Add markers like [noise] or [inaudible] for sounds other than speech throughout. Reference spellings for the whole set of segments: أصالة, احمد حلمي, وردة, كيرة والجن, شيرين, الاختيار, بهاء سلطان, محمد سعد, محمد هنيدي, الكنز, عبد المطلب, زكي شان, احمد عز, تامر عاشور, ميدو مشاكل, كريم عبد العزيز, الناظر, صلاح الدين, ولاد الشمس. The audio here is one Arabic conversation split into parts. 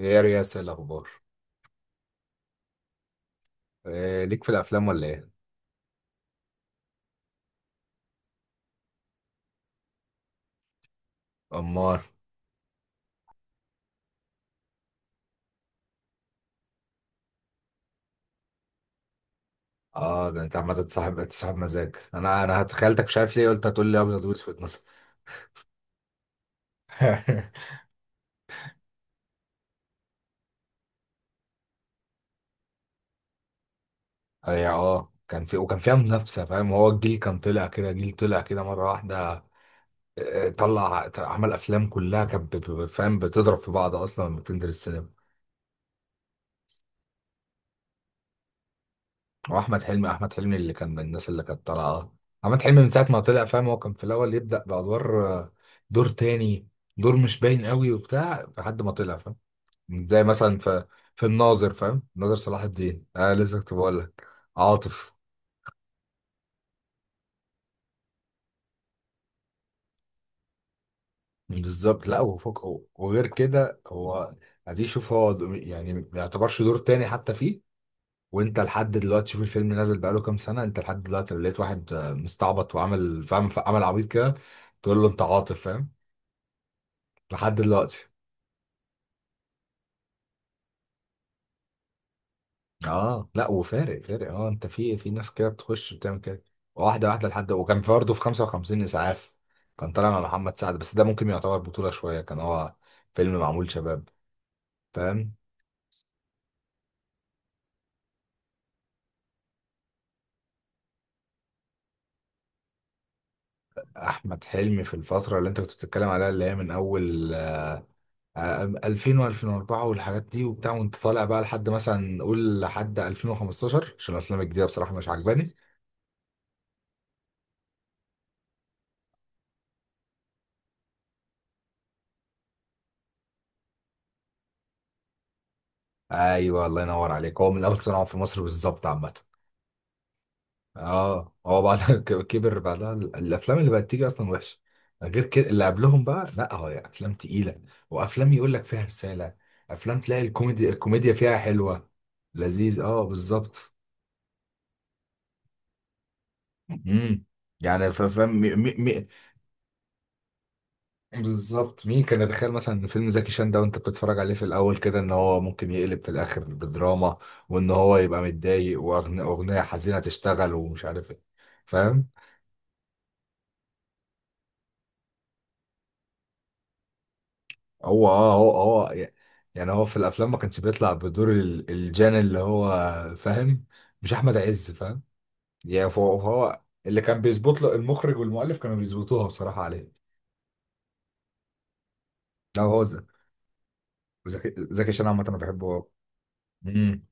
ايه يا رياس، إيه الاخبار؟ إيه ليك في الافلام ولا ايه؟ امار. اه ده انت عمال تصاحب، انت صاحب مزاج، انا تخيلتك مش عارف ليه، قلت هتقول لي ابيض واسود مثلا. [laughs] اي اه، كان في وكان فيها منافسه، فاهم؟ هو الجيل كان طلع كده، جيل طلع كده مره واحده. طلع عمل افلام كلها كانت فاهم، بتضرب في بعض اصلا لما بتنزل السينما. واحمد حلمي اللي كان من الناس اللي كانت طالعه. احمد حلمي من ساعه ما طلع فاهم، هو كان في الاول يبدا بادوار. دور تاني، دور مش باين قوي وبتاع لحد ما طلع فاهم. زي مثلا في الناظر، فاهم؟ ناظر صلاح الدين، انا لسه كنت بقول لك عاطف. بالظبط، لا، وفوق وغير كده هو، ادي شوف هو يعني ما يعتبرش دور تاني حتى فيه. وانت لحد دلوقتي شوف الفيلم نازل بقاله كام سنه، انت لحد دلوقتي لقيت واحد مستعبط وعمل فاهم، عمل عبيط كده تقول له انت عاطف، فاهم؟ لحد دلوقتي. اه، لا وفارق فارق، اه، انت في ناس كده بتخش بتعمل كده واحده واحده لحد. وكان في برضه في 55 اسعاف، كان طالع مع محمد سعد، بس ده ممكن يعتبر بطوله شويه، كان هو فيلم معمول شباب، فاهم؟ احمد حلمي في الفتره اللي انت كنت بتتكلم عليها، اللي هي من اول 2000 و2004 والحاجات دي وبتاع، وانت طالع بقى لحد مثلا، قول لحد 2015، عشان الافلام الجديده بصراحه مش عجباني. ايوه، الله ينور عليك، هو من اول صناعه في مصر بالظبط عامه. اه، هو بعدها [laughs] كبر، بعدها الافلام اللي بقت تيجي اصلا وحشه، غير كده اللي قبلهم بقى، لا، هو افلام تقيله، وافلام يقول لك فيها رساله، افلام تلاقي الكوميديا فيها حلوه، لذيذ، اه بالظبط. امم. يعني فاهم بالظبط، مين كان يتخيل مثلا ان فيلم زكي شان ده، وانت بتتفرج عليه في الاول كده، ان هو ممكن يقلب في الاخر بدراما، وان هو يبقى متضايق واغنيه أغنية حزينه تشتغل ومش عارف ايه. فاهم؟ هو يعني هو في الافلام ما كانش بيطلع بدور الجان اللي هو، فاهم؟ مش احمد عز، فاهم؟ يعني فهو اللي كان بيظبط له، المخرج والمؤلف كانوا بيظبطوها بصراحه عليه. لا، هو ذكي. زكي شان عامه، انا بحبه أوي. امم.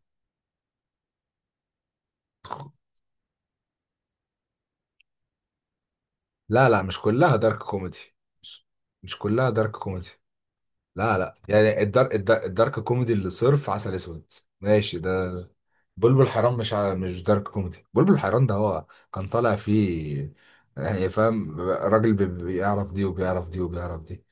لا لا، مش كلها دارك كوميدي. مش, مش كلها دارك كوميدي. لا لا، يعني الدارك كوميدي اللي صرف، عسل اسود، ماشي ده. بلبل حيران مش دارك كوميدي، بلبل حيران ده هو كان طالع فيه، يعني فاهم، راجل بيعرف دي وبيعرف دي وبيعرف دي.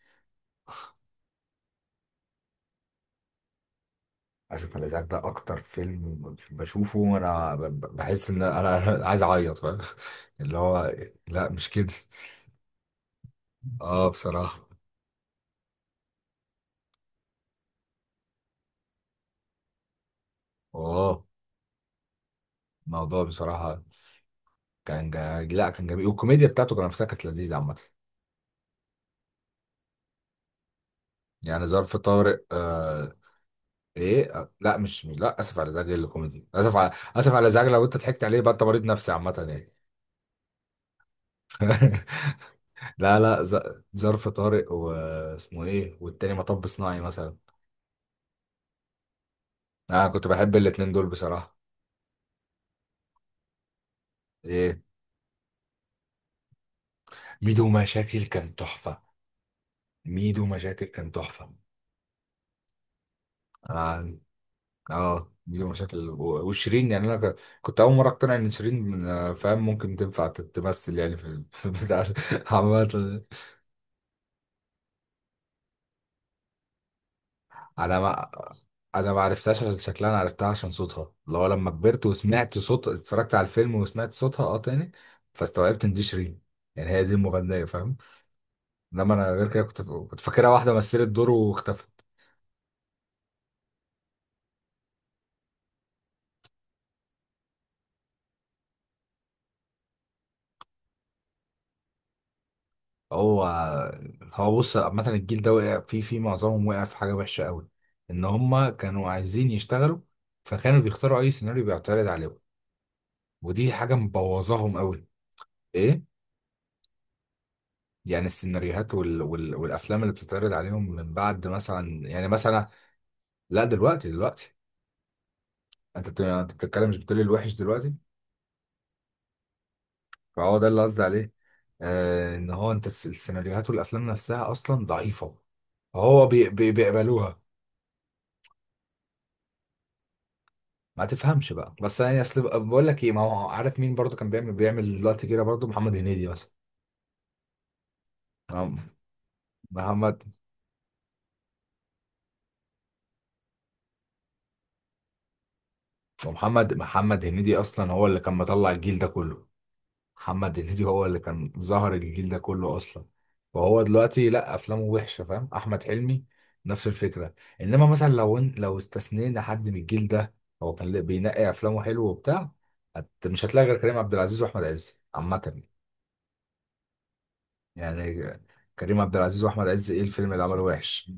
اشوف الازعاج ده، اكتر فيلم بشوفه وانا بحس ان انا [laughs] عايز اعيط، فاهم اللي هو؟ لا، مش كده. اه بصراحة. اه، الموضوع بصراحة كان لا، كان جميل، والكوميديا بتاعته كان نفسها كانت لذيذة عامة، يعني ظرف طارق. ايه لا، مش، لا، اسف على ازعاج إيه اللي كوميدي؟ اسف على ازعاج لو انت ضحكت عليه يبقى انت مريض نفسي عامه يعني. [laughs] لا لا، ظرف طارق، واسمه ايه، والتاني مطب صناعي مثلا. انا كنت بحب الاتنين دول بصراحه. ايه. ميدو مشاكل كان تحفه. ميدو مشاكل كان تحفه. انا اه، ميدو مشاكل وشيرين، يعني انا كنت اول مره اقتنع ان شيرين فاهم، ممكن تنفع تمثل يعني في [laughs] في البتاع. عامه، انا ما انا ما عرفتهاش عشان شكلها، انا عرفتها عشان صوتها، اللي هو لما كبرت وسمعت صوت، اتفرجت على الفيلم وسمعت صوتها تاني، فاستوعبت ان دي شيرين، يعني هي دي المغنيه، فاهم؟ انما انا غير كده كنت فاكرها واحده مثلت دور واختفت. هو هو بص عامه، الجيل ده وقع في معظمهم، وقع في حاجه وحشه قوي، ان هم كانوا عايزين يشتغلوا، فكانوا بيختاروا اي سيناريو بيعترض عليهم، ودي حاجه مبوظاهم قوي. ايه؟ يعني السيناريوهات والافلام اللي بتتعرض عليهم من بعد مثلا، يعني مثلا. لا، دلوقتي دلوقتي. انت بتتكلم، مش بتقول لي الوحش دلوقتي؟ فهو ده اللي قصدي عليه. ان هو انت السيناريوهات والافلام نفسها اصلا ضعيفه، فهو بيقبلوها. ما تفهمش بقى، بس يعني اصل، بقول لك ايه، ما هو عارف مين برضو كان بيعمل دلوقتي كده برضو، محمد هنيدي مثلا. نعم. محمد. محمد هنيدي اصلا هو اللي كان مطلع الجيل ده كله، محمد هنيدي هو اللي كان ظهر الجيل ده كله اصلا، وهو دلوقتي لا، افلامه وحشه، فاهم؟ احمد حلمي نفس الفكره. انما مثلا لو استثنينا حد من الجيل ده، هو كان بينقي افلامه حلو وبتاع. مش هتلاقي غير كريم عبد العزيز واحمد عز عامه، يعني كريم عبد العزيز واحمد عز ايه الفيلم اللي عمله وحش؟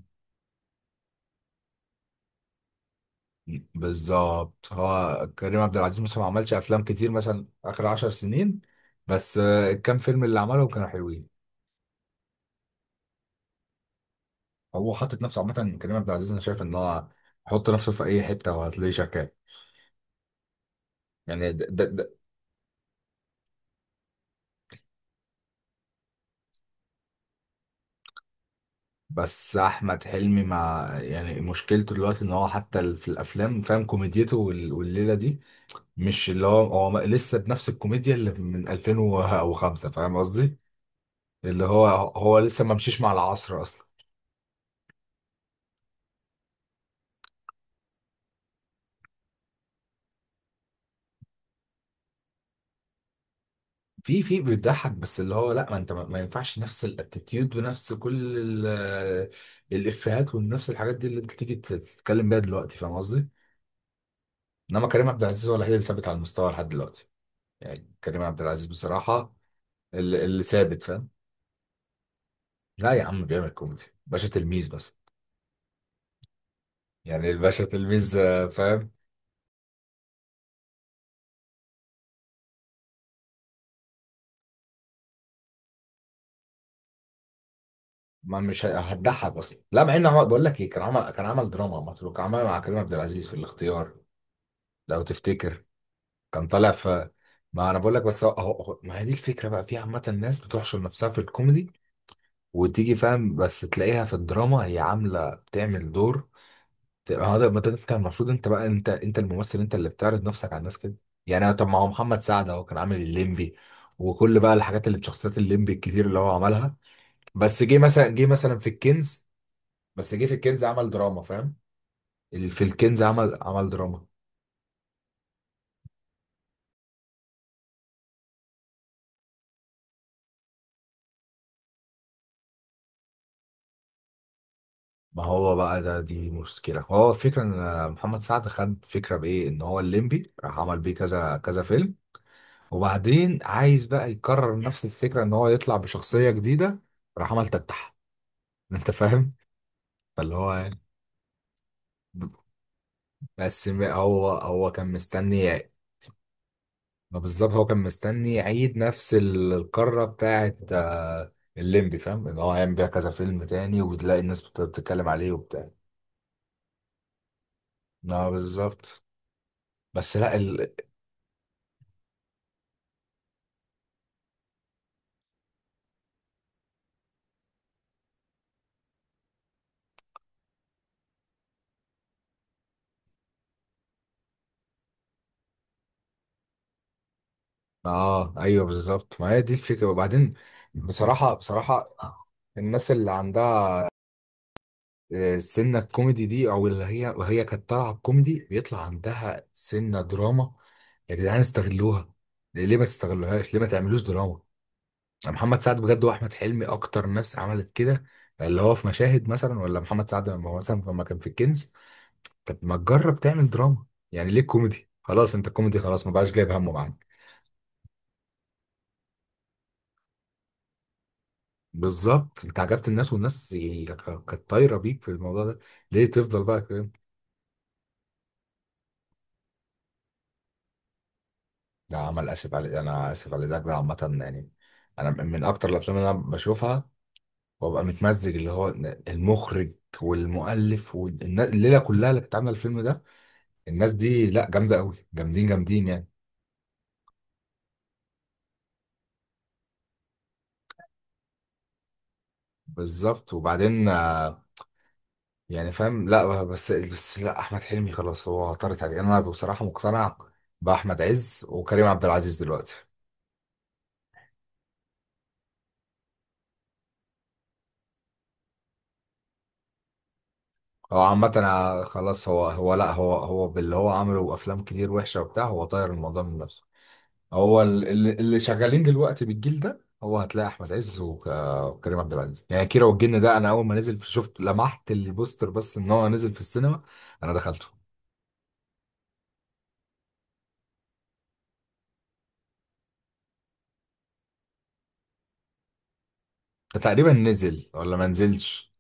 بالظبط، هو كريم عبد العزيز مثلا ما عملش افلام كتير، مثلا اخر عشر سنين، بس الكام فيلم اللي عملهم كانوا حلوين. هو حاطط نفسه عامة، كريم عبد العزيز أنا شايف إن هو حط نفسه في أي حتة وهتلاقيه شغال. يعني ده. بس أحمد حلمي مع يعني، مشكلته دلوقتي إن هو حتى في الأفلام فاهم، كوميديته والليلة دي مش اللي هو، لسه بنفس الكوميديا اللي من 2005، فاهم قصدي؟ اللي هو، هو لسه ما مشيش مع العصر أصلا. في بيضحك، بس اللي هو لا، ما انت، ما ينفعش نفس الاتيتيود ونفس كل الافيهات ونفس الحاجات دي اللي انت تيجي تتكلم بيها دلوقتي، فاهم قصدي؟ انما كريم عبد العزيز هو الوحيد اللي ثابت على المستوى لحد دلوقتي، يعني كريم عبد العزيز بصراحه اللي ثابت، فاهم؟ لا يا عم، بيعمل كوميدي، باشا تلميذ بس، يعني الباشا تلميذ. فاهم، ما مش هتضحك اصلا، لا، مع ان هو، بقول لك ايه، كان عمل دراما مع مطروح، كان عمل مع كريم عبد العزيز في الاختيار، لو تفتكر، كان طالع في. ما انا بقول لك، بس ما هي دي الفكره بقى، في عامه الناس بتحشر نفسها في الكوميدي، وتيجي فاهم بس تلاقيها في الدراما هي عامله بتعمل دور. اه ده، ما ده انت المفروض، انت بقى، انت الممثل، انت اللي بتعرض نفسك على الناس كده. يعني طب، ما هو محمد سعد اهو كان عامل الليمبي، وكل بقى الحاجات اللي بشخصيات الليمبي الكتير اللي هو عملها، بس جه مثلا في الكنز، بس جه في الكنز عمل دراما، فاهم؟ في الكنز عمل دراما. ما هو بقى، ده دي مشكلة، هو الفكرة ان محمد سعد خد فكرة بايه ان هو الليمبي راح عمل بيه كذا كذا فيلم، وبعدين عايز بقى يكرر نفس الفكرة ان هو يطلع بشخصية جديدة، راح عمل تتح، انت فاهم فاللي هو إيه؟ بس هو كان مستني. ما بالظبط، هو كان مستني يعيد نفس القارة بتاعت الليمبي، فاهم ان هو هيعمل بيها كذا فيلم تاني، وبتلاقي الناس بتتكلم عليه وبتاع. اه بالظبط. بس لا اه ايوه، بالظبط، ما هي دي الفكرة، وبعدين بصراحة، بصراحة الناس اللي عندها سنة الكوميدي دي، او اللي هي، وهي كانت طالعة الكوميدي بيطلع عندها سنة دراما، يا جدعان استغلوها، ليه ما تستغلوهاش، ليه ما تعملوش دراما؟ محمد سعد بجد واحمد حلمي اكتر ناس عملت كده، اللي هو في مشاهد مثلا، ولا محمد سعد لما هو مثلا، لما كان في الكنز طب ما تجرب تعمل دراما، يعني ليه كوميدي؟ خلاص انت كوميدي، خلاص ما بقاش جايب همه معاك. بالظبط، انت عجبت الناس، والناس يعني كانت طايره بيك في الموضوع ده، ليه تفضل بقى كده؟ ده عمل اسف على، انا اسف على ذاك ده عامه يعني، انا من اكتر الافلام اللي انا بشوفها وابقى متمزج، اللي هو المخرج والمؤلف والناس الليله كلها اللي كانت عامله الفيلم ده، الناس دي لا، جامدة قوي، جامدين جامدين، يعني بالظبط. وبعدين، يعني فاهم، لا بس لا، احمد حلمي خلاص هو طارت عليه، انا بصراحة مقتنع باحمد عز وكريم عبد العزيز دلوقتي. هو عامة خلاص هو، هو لا هو هو باللي هو عمله، وافلام كتير وحشة وبتاع، هو طاير الموضوع من نفسه. هو اللي شغالين دلوقتي بالجيل ده، هو هتلاقي احمد عز وكريم عبد العزيز، يعني كيرة والجن ده انا اول ما نزل شفت، لمحت البوستر بس ان هو نزل في السينما، انا دخلته. تقريبا نزل ولا ما نزلش؟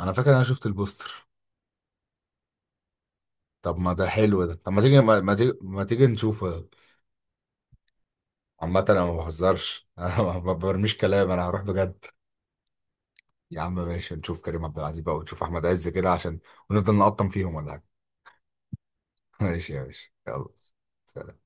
انا فاكر إن انا شفت البوستر. طب ما ده حلو ده، طب ما تيجي نشوفه. عامة انا ما بهزرش، [laughs] انا ما برميش كلام، انا هروح بجد. يا عم ماشي، نشوف كريم عبد العزيز بقى ونشوف احمد عز كده، عشان ونفضل نقطم فيهم ولا حاجة. [laughs] ماشي يا باشا، يلا. سلام.